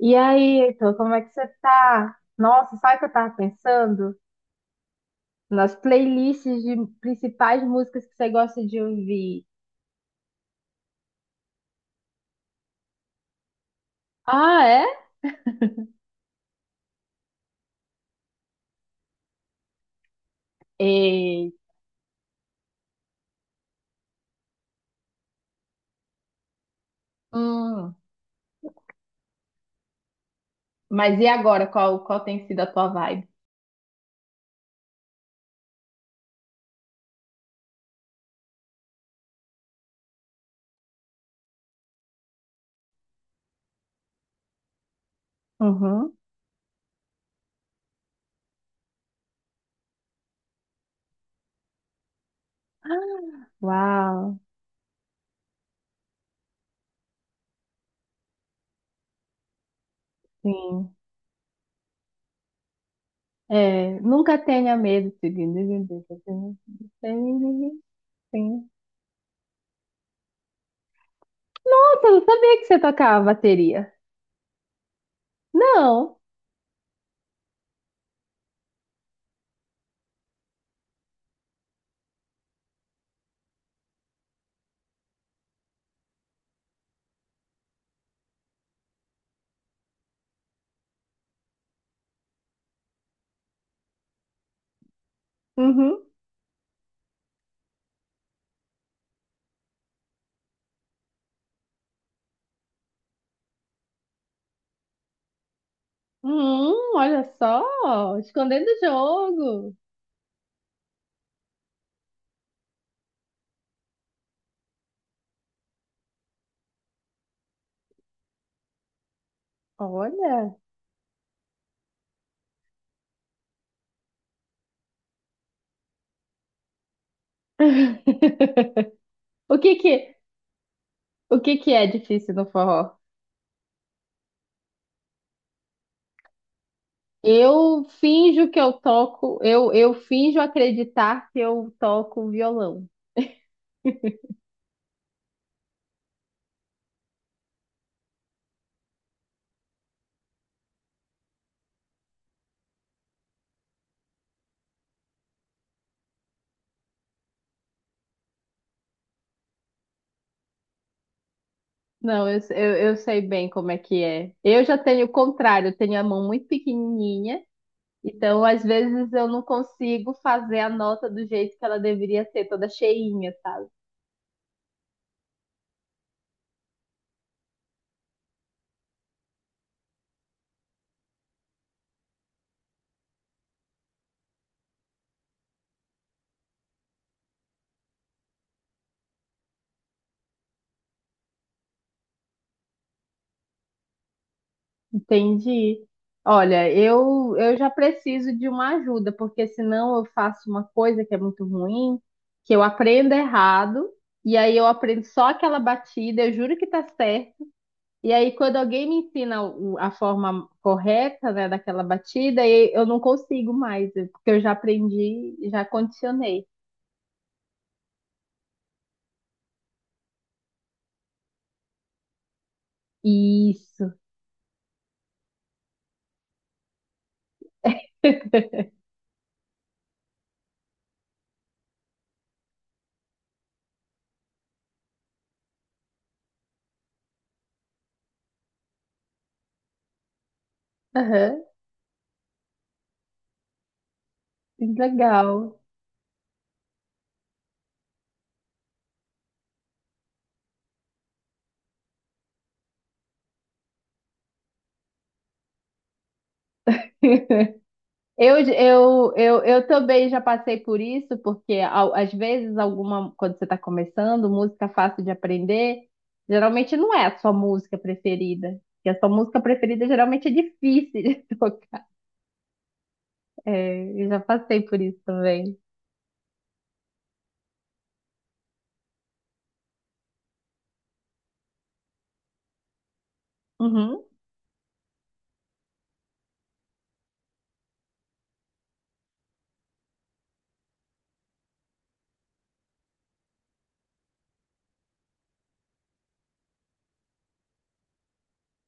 E aí, Heitor, como é que você tá? Nossa, sabe o que eu tava pensando? Nas playlists de principais músicas que você gosta de ouvir. Ah, é? E, Hum. Mas e agora? Qual tem sido a tua vibe? Uhum. Uau, sim. É, nunca tenha medo. Sim. Nossa, eu não sabia que você tocava bateria. Não. Uhum. Olha só, escondendo o jogo. Olha. O que que, o que que é difícil no forró? Eu finjo que eu toco, eu finjo acreditar que eu toco violão. Não, eu sei bem como é que é. Eu já tenho o contrário, eu tenho a mão muito pequenininha, então às vezes eu não consigo fazer a nota do jeito que ela deveria ser, toda cheinha, sabe? Entendi. Olha, eu já preciso de uma ajuda, porque senão eu faço uma coisa que é muito ruim, que eu aprendo errado, e aí eu aprendo só aquela batida, eu juro que tá certo. E aí, quando alguém me ensina a forma correta, né, daquela batida, eu não consigo mais, né, porque eu já aprendi, já condicionei. Isso. Aham, legal. Eu também já passei por isso, porque às vezes alguma, quando você está começando, música fácil de aprender, geralmente não é a sua música preferida. E a sua música preferida geralmente é difícil de tocar. É, eu já passei por isso também. Uhum.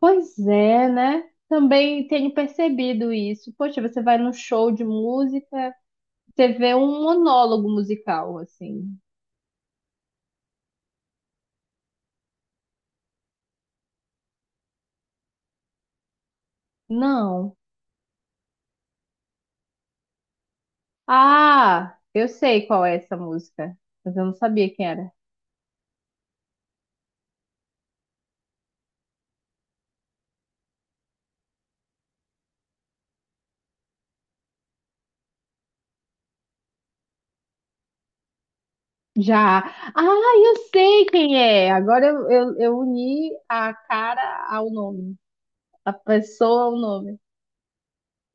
Pois é, né? Também tenho percebido isso. Poxa, você vai num show de música, você vê um monólogo musical, assim. Não. Ah, eu sei qual é essa música, mas eu não sabia quem era. Já. Ah, eu sei quem é. Agora eu uni a cara ao nome, a pessoa ao nome.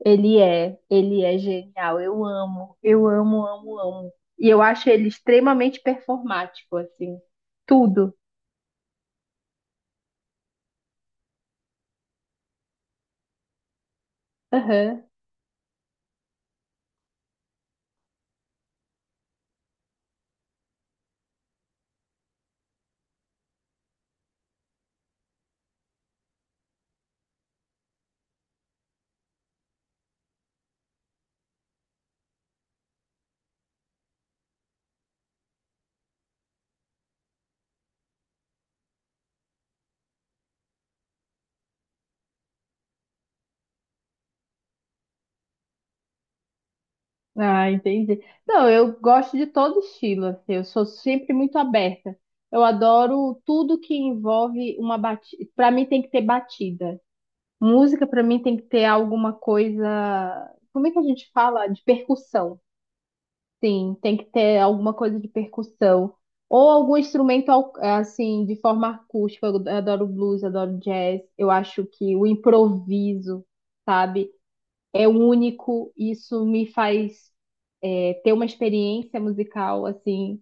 Ele é genial. Eu amo, amo, amo. E eu acho ele extremamente performático, assim. Tudo. Aham. Ah, entendi. Não, eu gosto de todo estilo, assim, eu sou sempre muito aberta. Eu adoro tudo que envolve uma batida. Para mim tem que ter batida. Música para mim tem que ter alguma coisa, como é que a gente fala? De percussão. Sim, tem que ter alguma coisa de percussão ou algum instrumento assim de forma acústica. Eu adoro blues, adoro jazz. Eu acho que o improviso, sabe? É único, isso me faz ter uma experiência musical assim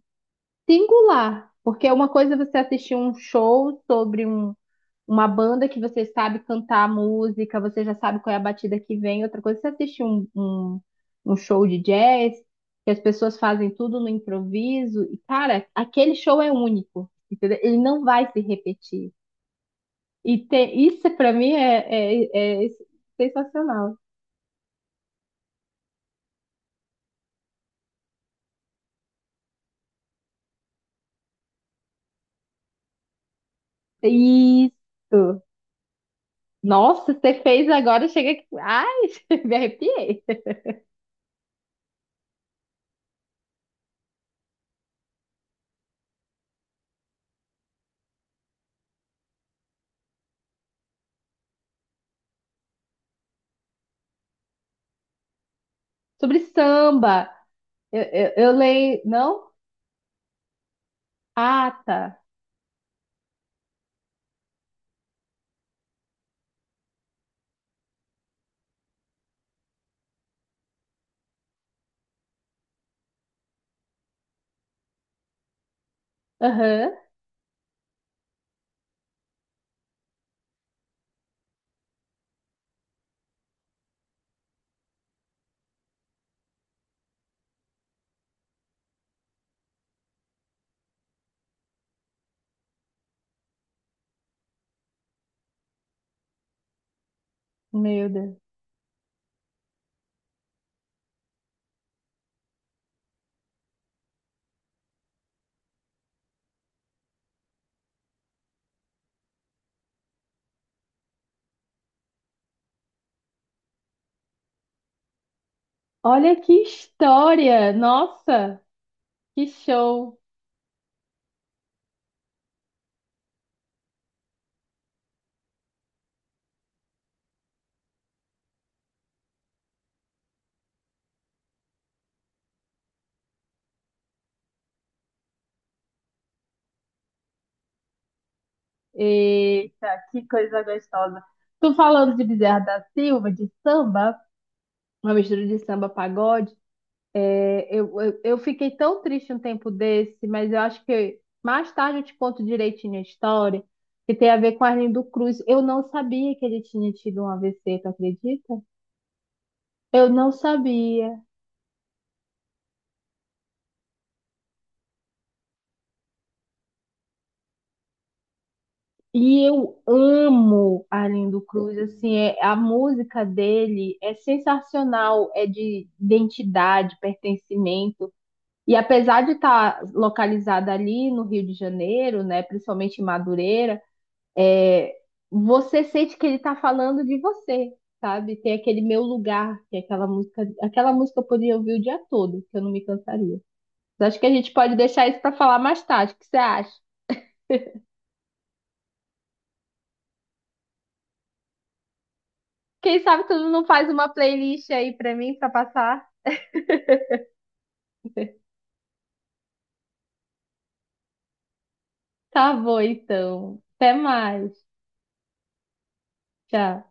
singular, porque é uma coisa você assistir um show sobre uma banda que você sabe cantar a música, você já sabe qual é a batida que vem, outra coisa é você assistir um, um, um show de jazz, que as pessoas fazem tudo no improviso, e cara, aquele show é único, entendeu? Ele não vai se repetir. E ter, isso pra mim é sensacional. É isso. Nossa, você fez agora, chega aqui. Ai, me arrepiei. Sobre samba. Eu leio. Não? Ah, tá. Aham. Meu Deus. Olha que história! Nossa, que show! Eita, que coisa gostosa. Tô falando de Bezerra da Silva, de samba, uma mistura de samba pagode. É, eu fiquei tão triste um tempo desse, mas eu acho que mais tarde eu te conto direitinho a história, que tem a ver com Arlindo Cruz. Eu não sabia que ele tinha tido um AVC, tu acredita? Eu não sabia. E eu amo Arlindo Cruz, assim, a música dele é sensacional, é de identidade, pertencimento. E apesar de estar localizada ali no Rio de Janeiro, né, principalmente em Madureira, é, você sente que ele tá falando de você, sabe? Tem aquele meu lugar, que é aquela música eu poderia ouvir o dia todo, que eu não me cansaria. Mas acho que a gente pode deixar isso pra falar mais tarde. O que você acha? Quem sabe tu não faz uma playlist aí pra mim pra passar? Tá bom, então. Até mais. Tchau.